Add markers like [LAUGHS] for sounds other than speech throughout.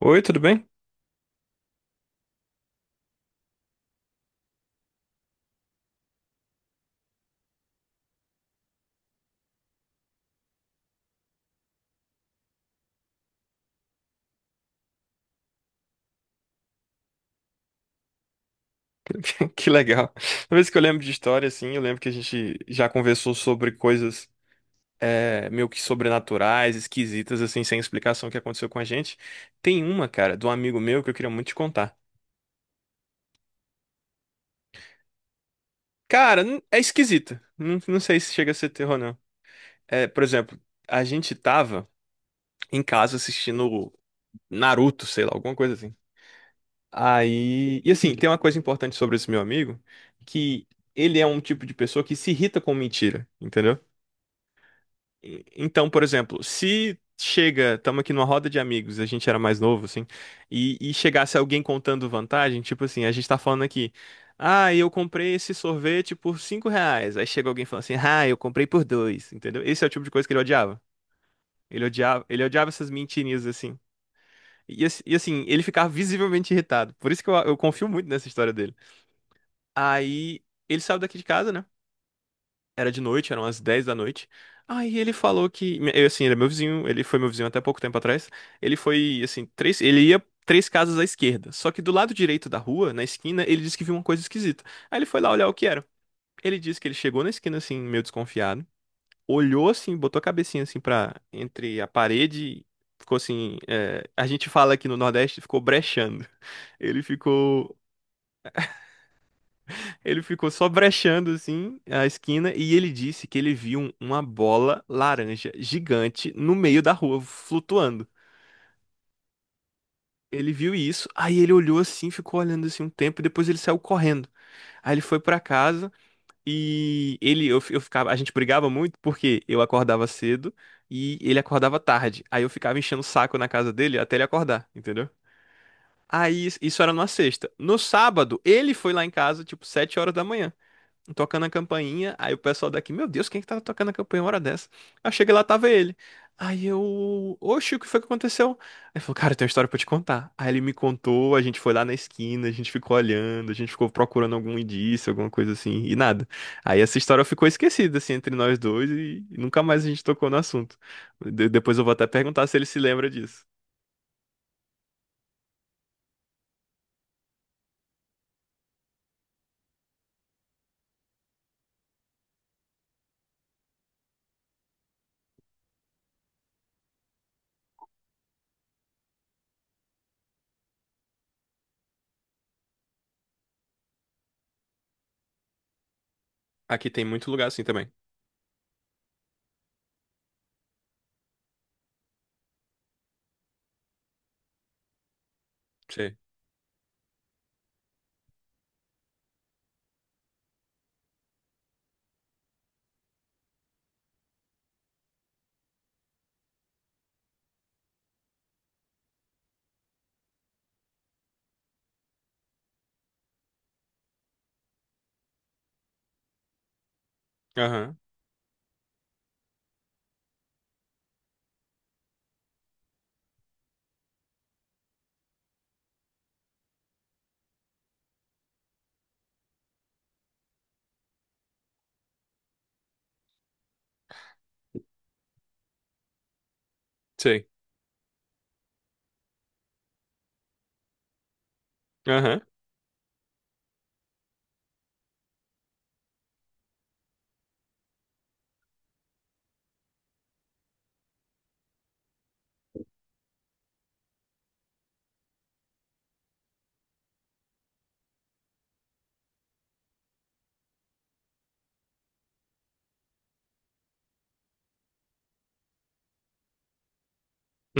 Oi, tudo bem? [LAUGHS] Que legal. Toda vez que eu lembro de história, assim, eu lembro que a gente já conversou sobre coisas meio que sobrenaturais, esquisitas, assim, sem explicação que aconteceu com a gente. Tem uma, cara, de um amigo meu que eu queria muito te contar. Cara, é esquisita. Não, não sei se chega a ser terror, não. É, por exemplo, a gente tava em casa assistindo Naruto, sei lá, alguma coisa assim. Aí. E assim, tem uma coisa importante sobre esse meu amigo, que ele é um tipo de pessoa que se irrita com mentira, entendeu? Então, por exemplo, se chega, estamos aqui numa roda de amigos, a gente era mais novo, assim, e chegasse alguém contando vantagem, tipo assim, a gente tá falando aqui, ah, eu comprei esse sorvete por R$ 5. Aí chega alguém falando assim, ah, eu comprei por dois, entendeu? Esse é o tipo de coisa que ele odiava. Ele odiava, ele odiava essas mentirinhas, assim. E, assim, ele ficava visivelmente irritado. Por isso que eu confio muito nessa história dele. Aí ele saiu daqui de casa, né? Era de noite, eram as 10 da noite. Aí ele falou que, eu, assim, ele é meu vizinho, ele foi meu vizinho até pouco tempo atrás. Ele foi, assim, ele ia três casas à esquerda. Só que do lado direito da rua, na esquina, ele disse que viu uma coisa esquisita. Aí ele foi lá olhar o que era. Ele disse que ele chegou na esquina, assim, meio desconfiado, olhou, assim, botou a cabecinha, assim, pra, entre a parede, ficou assim, a gente fala aqui no Nordeste, ficou brechando. Ele ficou Ele ficou só brechando assim a esquina e ele disse que ele viu uma bola laranja gigante no meio da rua flutuando. Ele viu isso, aí ele olhou assim, ficou olhando assim um tempo e depois ele saiu correndo. Aí ele foi pra casa e eu ficava, a gente brigava muito porque eu acordava cedo e ele acordava tarde. Aí eu ficava enchendo o saco na casa dele até ele acordar, entendeu? Aí isso era numa sexta. No sábado, ele foi lá em casa tipo 7 horas da manhã, tocando a campainha. Aí o pessoal daqui, meu Deus, quem é que tá tocando a campainha uma hora dessa? Aí eu cheguei lá, tava ele. Aí eu, oxe, o que foi que aconteceu? Ele falou, cara, tem uma história pra te contar. Aí ele me contou, a gente foi lá na esquina, a gente ficou olhando, a gente ficou procurando algum indício, alguma coisa assim, e nada. Aí essa história ficou esquecida, assim, entre nós dois e nunca mais a gente tocou no assunto. Depois eu vou até perguntar se ele se lembra disso. Aqui tem muito lugar assim também. Sei. Aham, sei. Aham,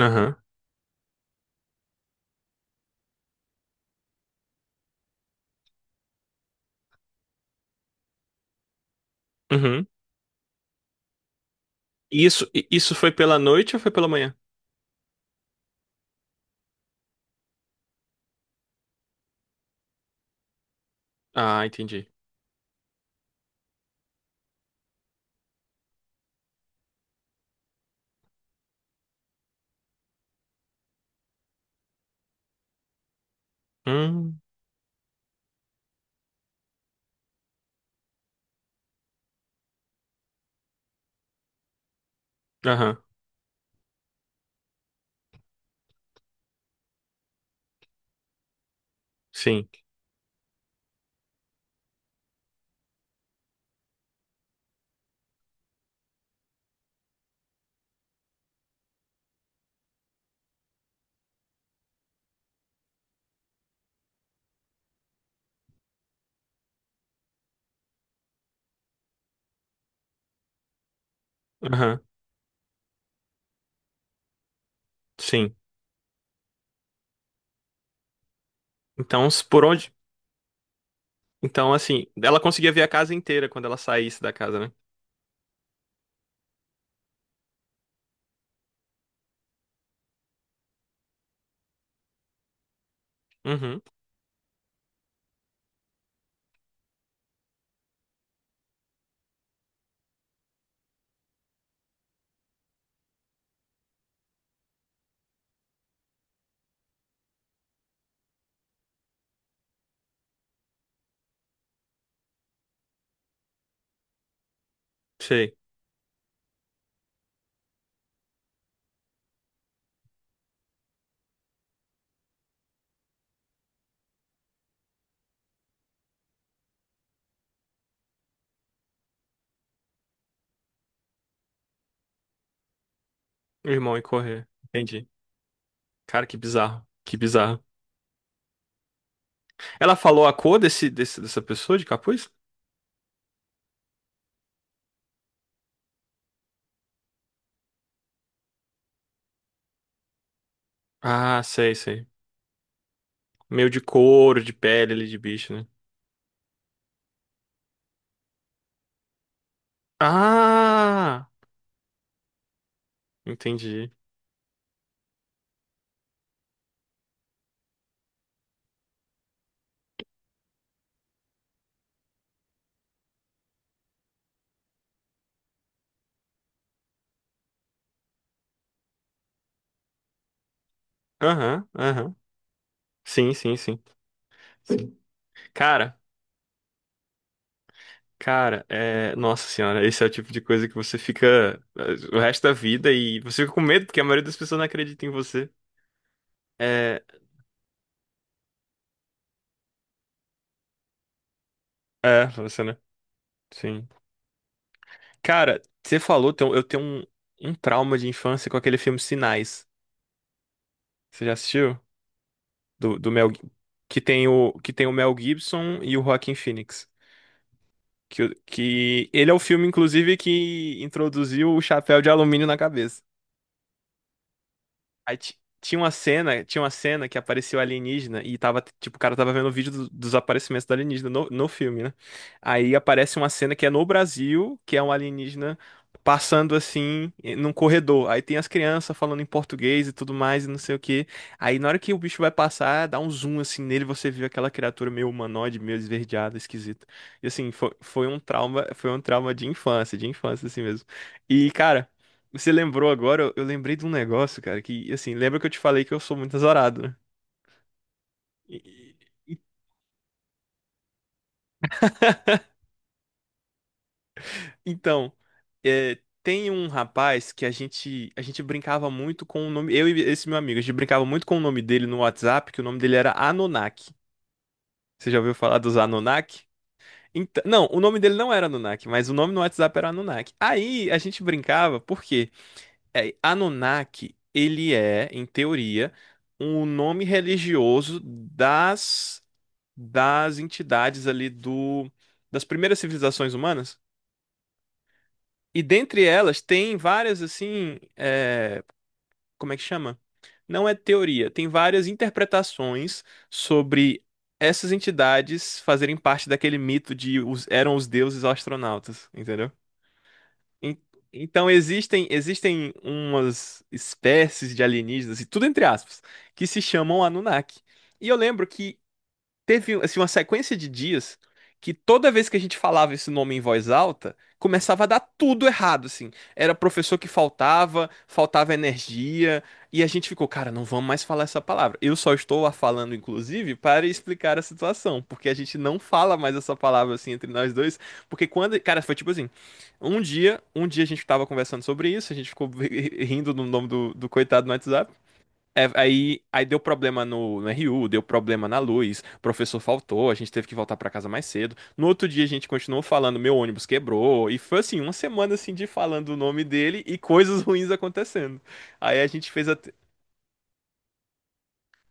aham, uhum. Isso foi pela noite ou foi pela manhã? Ah, entendi. Hum, aham, sim. Aham, sim. Então, por onde? Então, assim, ela conseguia ver a casa inteira quando ela saísse da casa, né? Uhum, sei. O irmão ia correr. Entendi. Cara, que bizarro. Que bizarro. Ela falou a cor dessa pessoa de capuz? Ah, sei, sei. Meio de couro, de pele ali de bicho, né? Ah, entendi. Aham, aham. Sim, sim, sim. Sim. Cara. Cara, é... nossa senhora, esse é o tipo de coisa que você fica o resto da vida e você fica com medo, porque a maioria das pessoas não acredita em você. É, é, você, né? Sim. Cara, você falou, eu tenho um trauma de infância com aquele filme Sinais. Você já assistiu? Do Mel. Que tem o Mel Gibson e o Joaquin Phoenix. Que, que ele é o filme, inclusive, que introduziu o chapéu de alumínio na cabeça. Aí tinha uma cena que apareceu alienígena e tava, tipo, o cara tava vendo o vídeo dos aparecimentos do alienígena no filme, né? Aí aparece uma cena que é no Brasil, que é um alienígena passando assim num corredor. Aí tem as crianças falando em português e tudo mais e não sei o quê. Aí na hora que o bicho vai passar, dá um zoom assim nele, você vê aquela criatura meio humanoide, meio esverdeada, esquisita. E assim, foi, foi um trauma de infância assim mesmo. E cara, você lembrou agora, eu lembrei de um negócio, cara, que, assim, lembra que eu te falei que eu sou muito azarado, né? E- e- Então, é, tem um rapaz que a gente brincava muito com o nome, eu e esse meu amigo, a gente brincava muito com o nome dele no WhatsApp, que o nome dele era Anunnaki. Você já ouviu falar dos Anunnaki? Então, não, o nome dele não era Anunnaki, mas o nome no WhatsApp era Anunnaki. Aí a gente brincava, por quê? É, Anunnaki, ele é, em teoria, um nome religioso das das entidades ali do das primeiras civilizações humanas. E dentre elas tem várias assim, como é que chama? Não é teoria, tem várias interpretações sobre essas entidades fazerem parte daquele mito de os, eram os deuses astronautas, entendeu? En- Então existem umas espécies de alienígenas e tudo entre aspas que se chamam Anunnaki. E eu lembro que teve um, assim uma sequência de dias que toda vez que a gente falava esse nome em voz alta, começava a dar tudo errado, assim. Era professor que faltava, faltava energia, e a gente ficou, cara, não vamos mais falar essa palavra. Eu só estou a falando, inclusive, para explicar a situação, porque a gente não fala mais essa palavra assim entre nós dois, porque quando, cara, foi tipo assim, um dia a gente tava conversando sobre isso, a gente ficou [LAUGHS] rindo no nome do coitado no WhatsApp. Aí, deu problema no RU, deu problema na luz, o professor faltou, a gente teve que voltar pra casa mais cedo. No outro dia a gente continuou falando, meu ônibus quebrou, e foi assim, uma semana assim de falando o nome dele e coisas [LAUGHS] ruins acontecendo. Aí a gente fez até,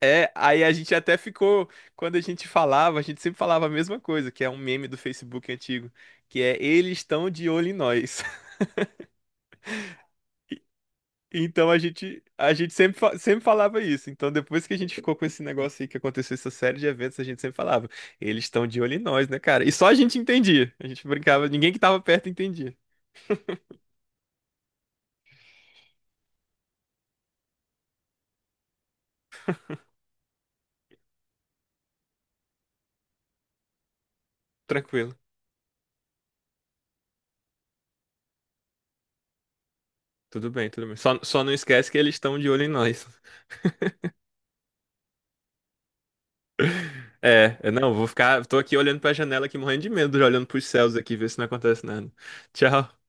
aí a gente até ficou, quando a gente falava, a gente sempre falava a mesma coisa, que é um meme do Facebook antigo, que é eles estão de olho em nós. Então a gente sempre, sempre falava isso. Então depois que a gente ficou com esse negócio aí que aconteceu essa série de eventos, a gente sempre falava, eles estão de olho em nós, né, cara? E só a gente entendia. A gente brincava, ninguém que tava perto entendia. Tranquilo. Tudo bem, tudo bem. Só não esquece que eles estão de olho em nós. [LAUGHS] É, eu não, vou ficar, tô aqui olhando pra janela aqui morrendo de medo, já olhando pros céus aqui, ver se não acontece nada. Tchau.